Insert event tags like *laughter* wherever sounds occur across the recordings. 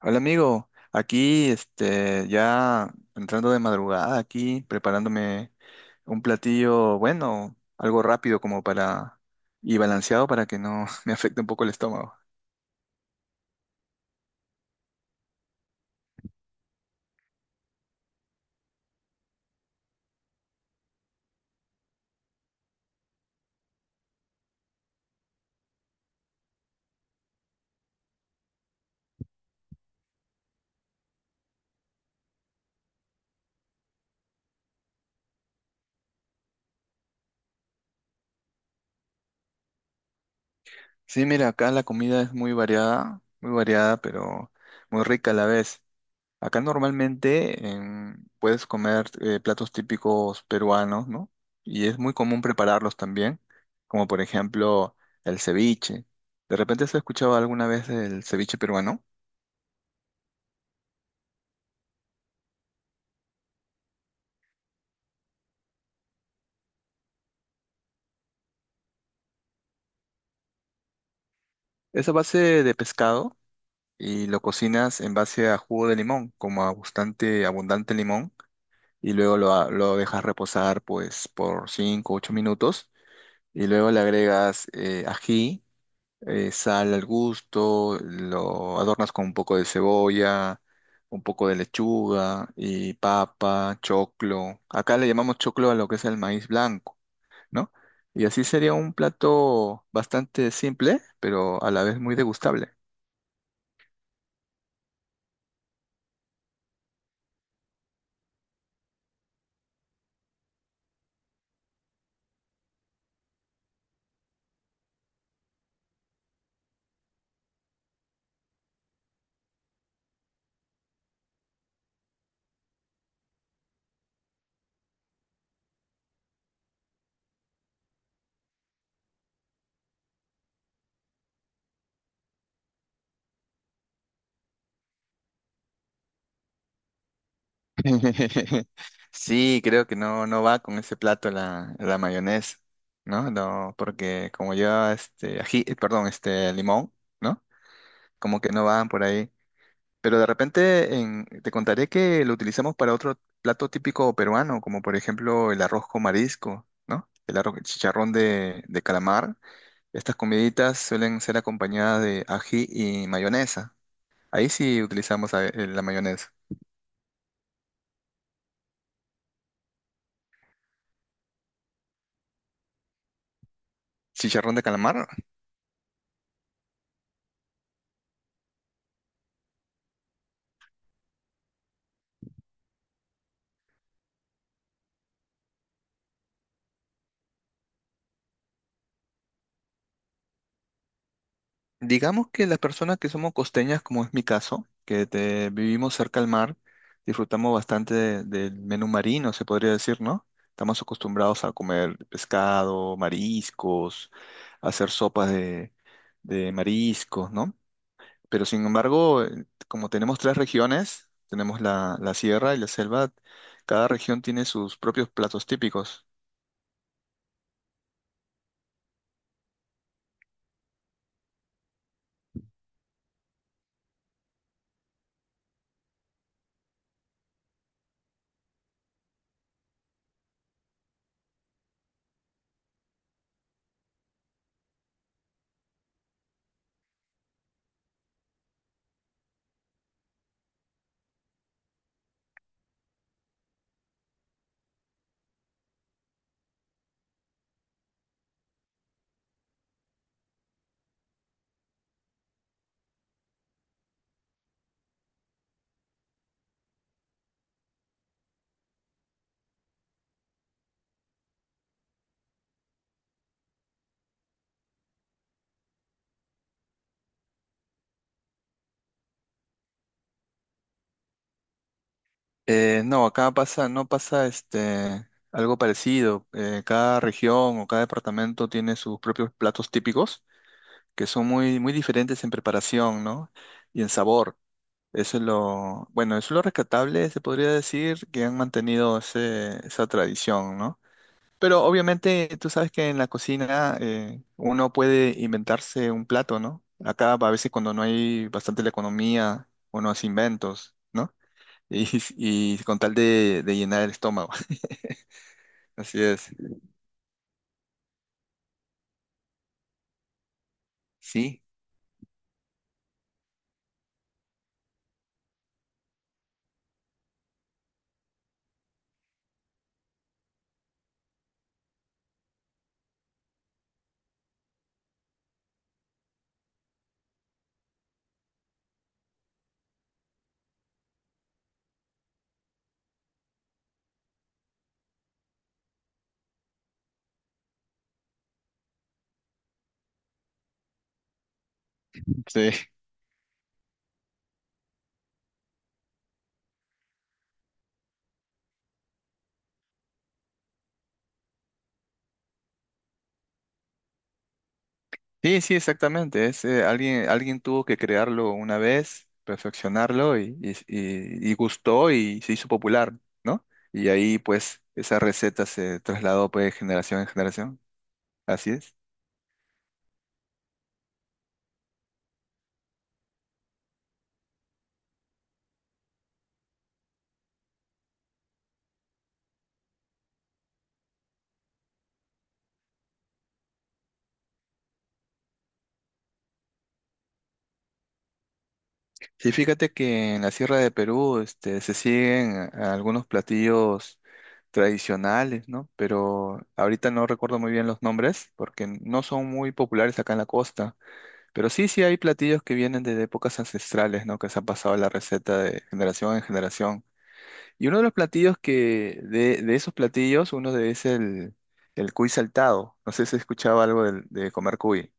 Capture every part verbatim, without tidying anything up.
Hola amigo, aquí este ya entrando de madrugada aquí preparándome un platillo bueno, algo rápido como para y balanceado para que no *laughs* me afecte un poco el estómago. Sí, mira, acá la comida es muy variada, muy variada, pero muy rica a la vez. Acá normalmente em, puedes comer eh, platos típicos peruanos, ¿no? Y es muy común prepararlos también, como por ejemplo el ceviche. ¿De repente has escuchado alguna vez el ceviche peruano? Es a base de pescado y lo cocinas en base a jugo de limón, como a bastante abundante limón, y luego lo, a- lo dejas reposar pues por cinco u ocho minutos, y luego le agregas eh, ají, eh, sal al gusto, lo adornas con un poco de cebolla, un poco de lechuga y papa, choclo. Acá le llamamos choclo a lo que es el maíz blanco, ¿no? Y así sería un plato bastante simple, pero a la vez muy degustable. *laughs* Sí, creo que no, no va con ese plato la, la mayonesa, ¿no? No, porque como lleva este ají, eh, perdón, este limón, ¿no? Como que no van por ahí. Pero de repente en- te contaré que lo utilizamos para otro plato típico peruano, como por ejemplo el arroz con marisco, ¿no? El arroz, el chicharrón de, de calamar. Estas comiditas suelen ser acompañadas de ají y mayonesa. Ahí sí utilizamos eh, la mayonesa. ¿Chicharrón de calamar? Digamos que las personas que somos costeñas, como es mi caso, que te- vivimos cerca al mar, disfrutamos bastante de- del menú marino, se podría decir, ¿no? Estamos acostumbrados a comer pescado, mariscos, hacer sopas de, de mariscos, ¿no? Pero sin embargo, eh, como tenemos tres regiones, tenemos la, la sierra y la selva, cada región tiene sus propios platos típicos. Eh, no, acá pasa, no pasa este algo parecido. Eh, cada región o cada departamento tiene sus propios platos típicos que son muy, muy diferentes en preparación, ¿no? Y en sabor. Eso es lo, bueno, eso es lo rescatable, se podría decir, que han mantenido ese, esa tradición, ¿no? Pero obviamente tú sabes que en la cocina eh, uno puede inventarse un plato, ¿no? Acá a veces cuando no hay bastante la economía, uno hace inventos, ¿no? Y, *laughs* y con tal de, de llenar el estómago. *laughs* Así es. Sí, sí. Sí, sí, exactamente. Es, eh, alguien, alguien tuvo que crearlo una vez, perfeccionarlo y, y, y- y gustó y se hizo popular, ¿no? Y ahí pues esa receta se trasladó pues de generación en generación. Así es. Sí, fíjate que en la Sierra de Perú, este, se siguen a- algunos platillos tradicionales, ¿no? Pero ahorita no recuerdo muy bien los nombres porque no son muy populares acá en la costa. Pero sí, sí hay platillos que vienen desde épocas ancestrales, ¿no? Que se han pasado la receta de generación en generación. Y uno de los platillos que, de, de esos platillos, uno de es el, el cuy saltado. No sé si escuchaba algo del- de, comer cuy.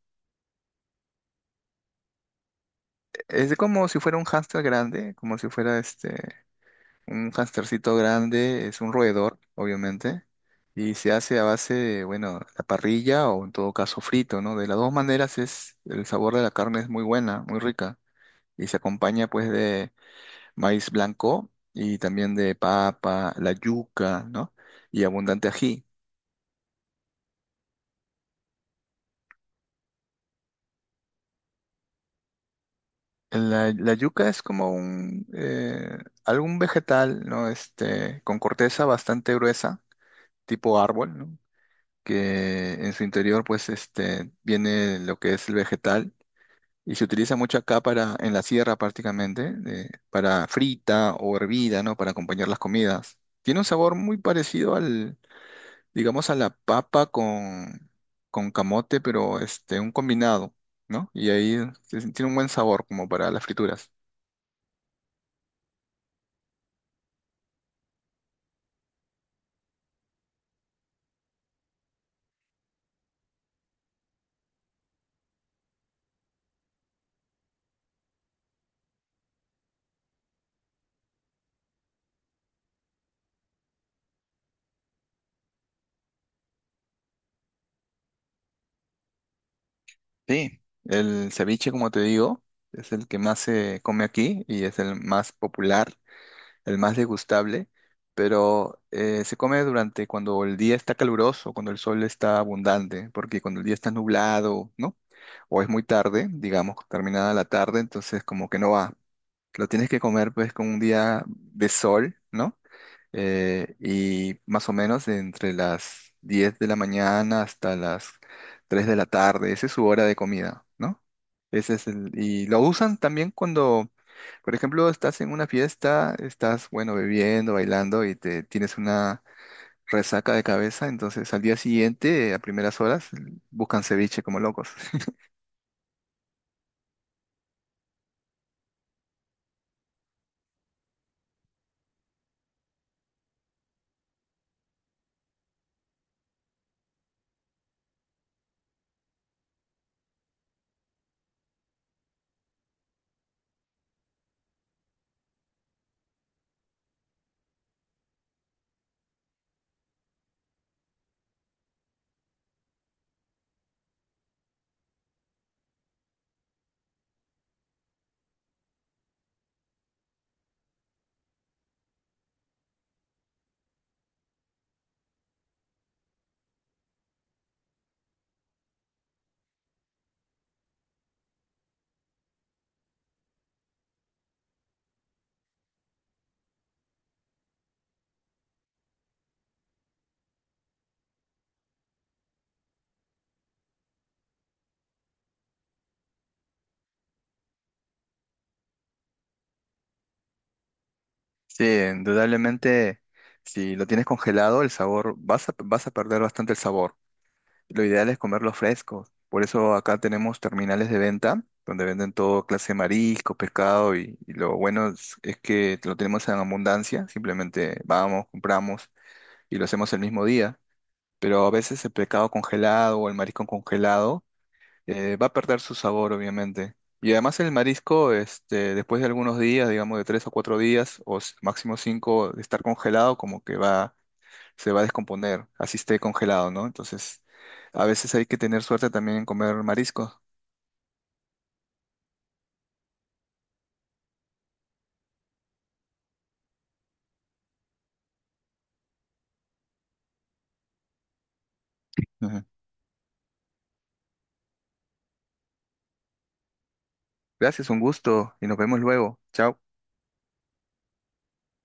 Es como si fuera un hámster grande, como si fuera este. Un hamstercito grande es un roedor, obviamente, y se hace a base de, bueno, la parrilla o en todo caso frito, ¿no? De las dos maneras es, el sabor de la carne es muy buena, muy rica, y se acompaña pues de maíz blanco y también de papa, la yuca, ¿no? Y abundante ají. La, la yuca es como un, eh, algún vegetal, ¿no? Este, con corteza bastante gruesa, tipo árbol, ¿no? Que en su interior pues este viene lo que es el vegetal y se utiliza mucho acá para en la sierra prácticamente de- para frita o hervida, ¿no? Para acompañar las comidas. Tiene un sabor muy parecido al, digamos, a la papa con, con, camote, pero este un combinado, ¿no? Y ahí se- tiene un buen sabor como para las frituras. Sí, el ceviche, como te digo, es el que más se come aquí y es el más popular, el más degustable, pero eh, se come durante cuando el día está caluroso, cuando el sol está abundante, porque cuando el día está nublado, ¿no? O es muy tarde, digamos, terminada la tarde, entonces como que no va. Lo tienes que comer pues con un día de sol, ¿no? eh, y más o menos entre las diez de la mañana hasta las tres de la tarde. Esa es su hora de comida, ¿no? Ese es el, y lo usan también cuando, por ejemplo, estás en una fiesta, estás, bueno, bebiendo, bailando y te tienes una resaca de cabeza, entonces al día siguiente, a primeras horas, buscan ceviche como locos. *laughs* Sí, indudablemente, si lo tienes congelado, el sabor, vas a, vas a perder bastante el sabor. Lo ideal es comerlos frescos. Por eso acá tenemos terminales de venta donde venden todo clase de marisco, pescado y, y lo bueno es, es que lo tenemos en abundancia. Simplemente vamos, compramos y lo hacemos el mismo día. Pero a veces el pescado congelado o el marisco congelado eh, va a perder su sabor, obviamente. Y además el marisco, este, después de algunos días, digamos de tres o cuatro días o s- máximo cinco de estar congelado, como que va se va a descomponer, así esté congelado, ¿no? Entonces, a veces hay que tener suerte también en comer mariscos. Ujú. Gracias, un gusto y nos vemos luego. Chao.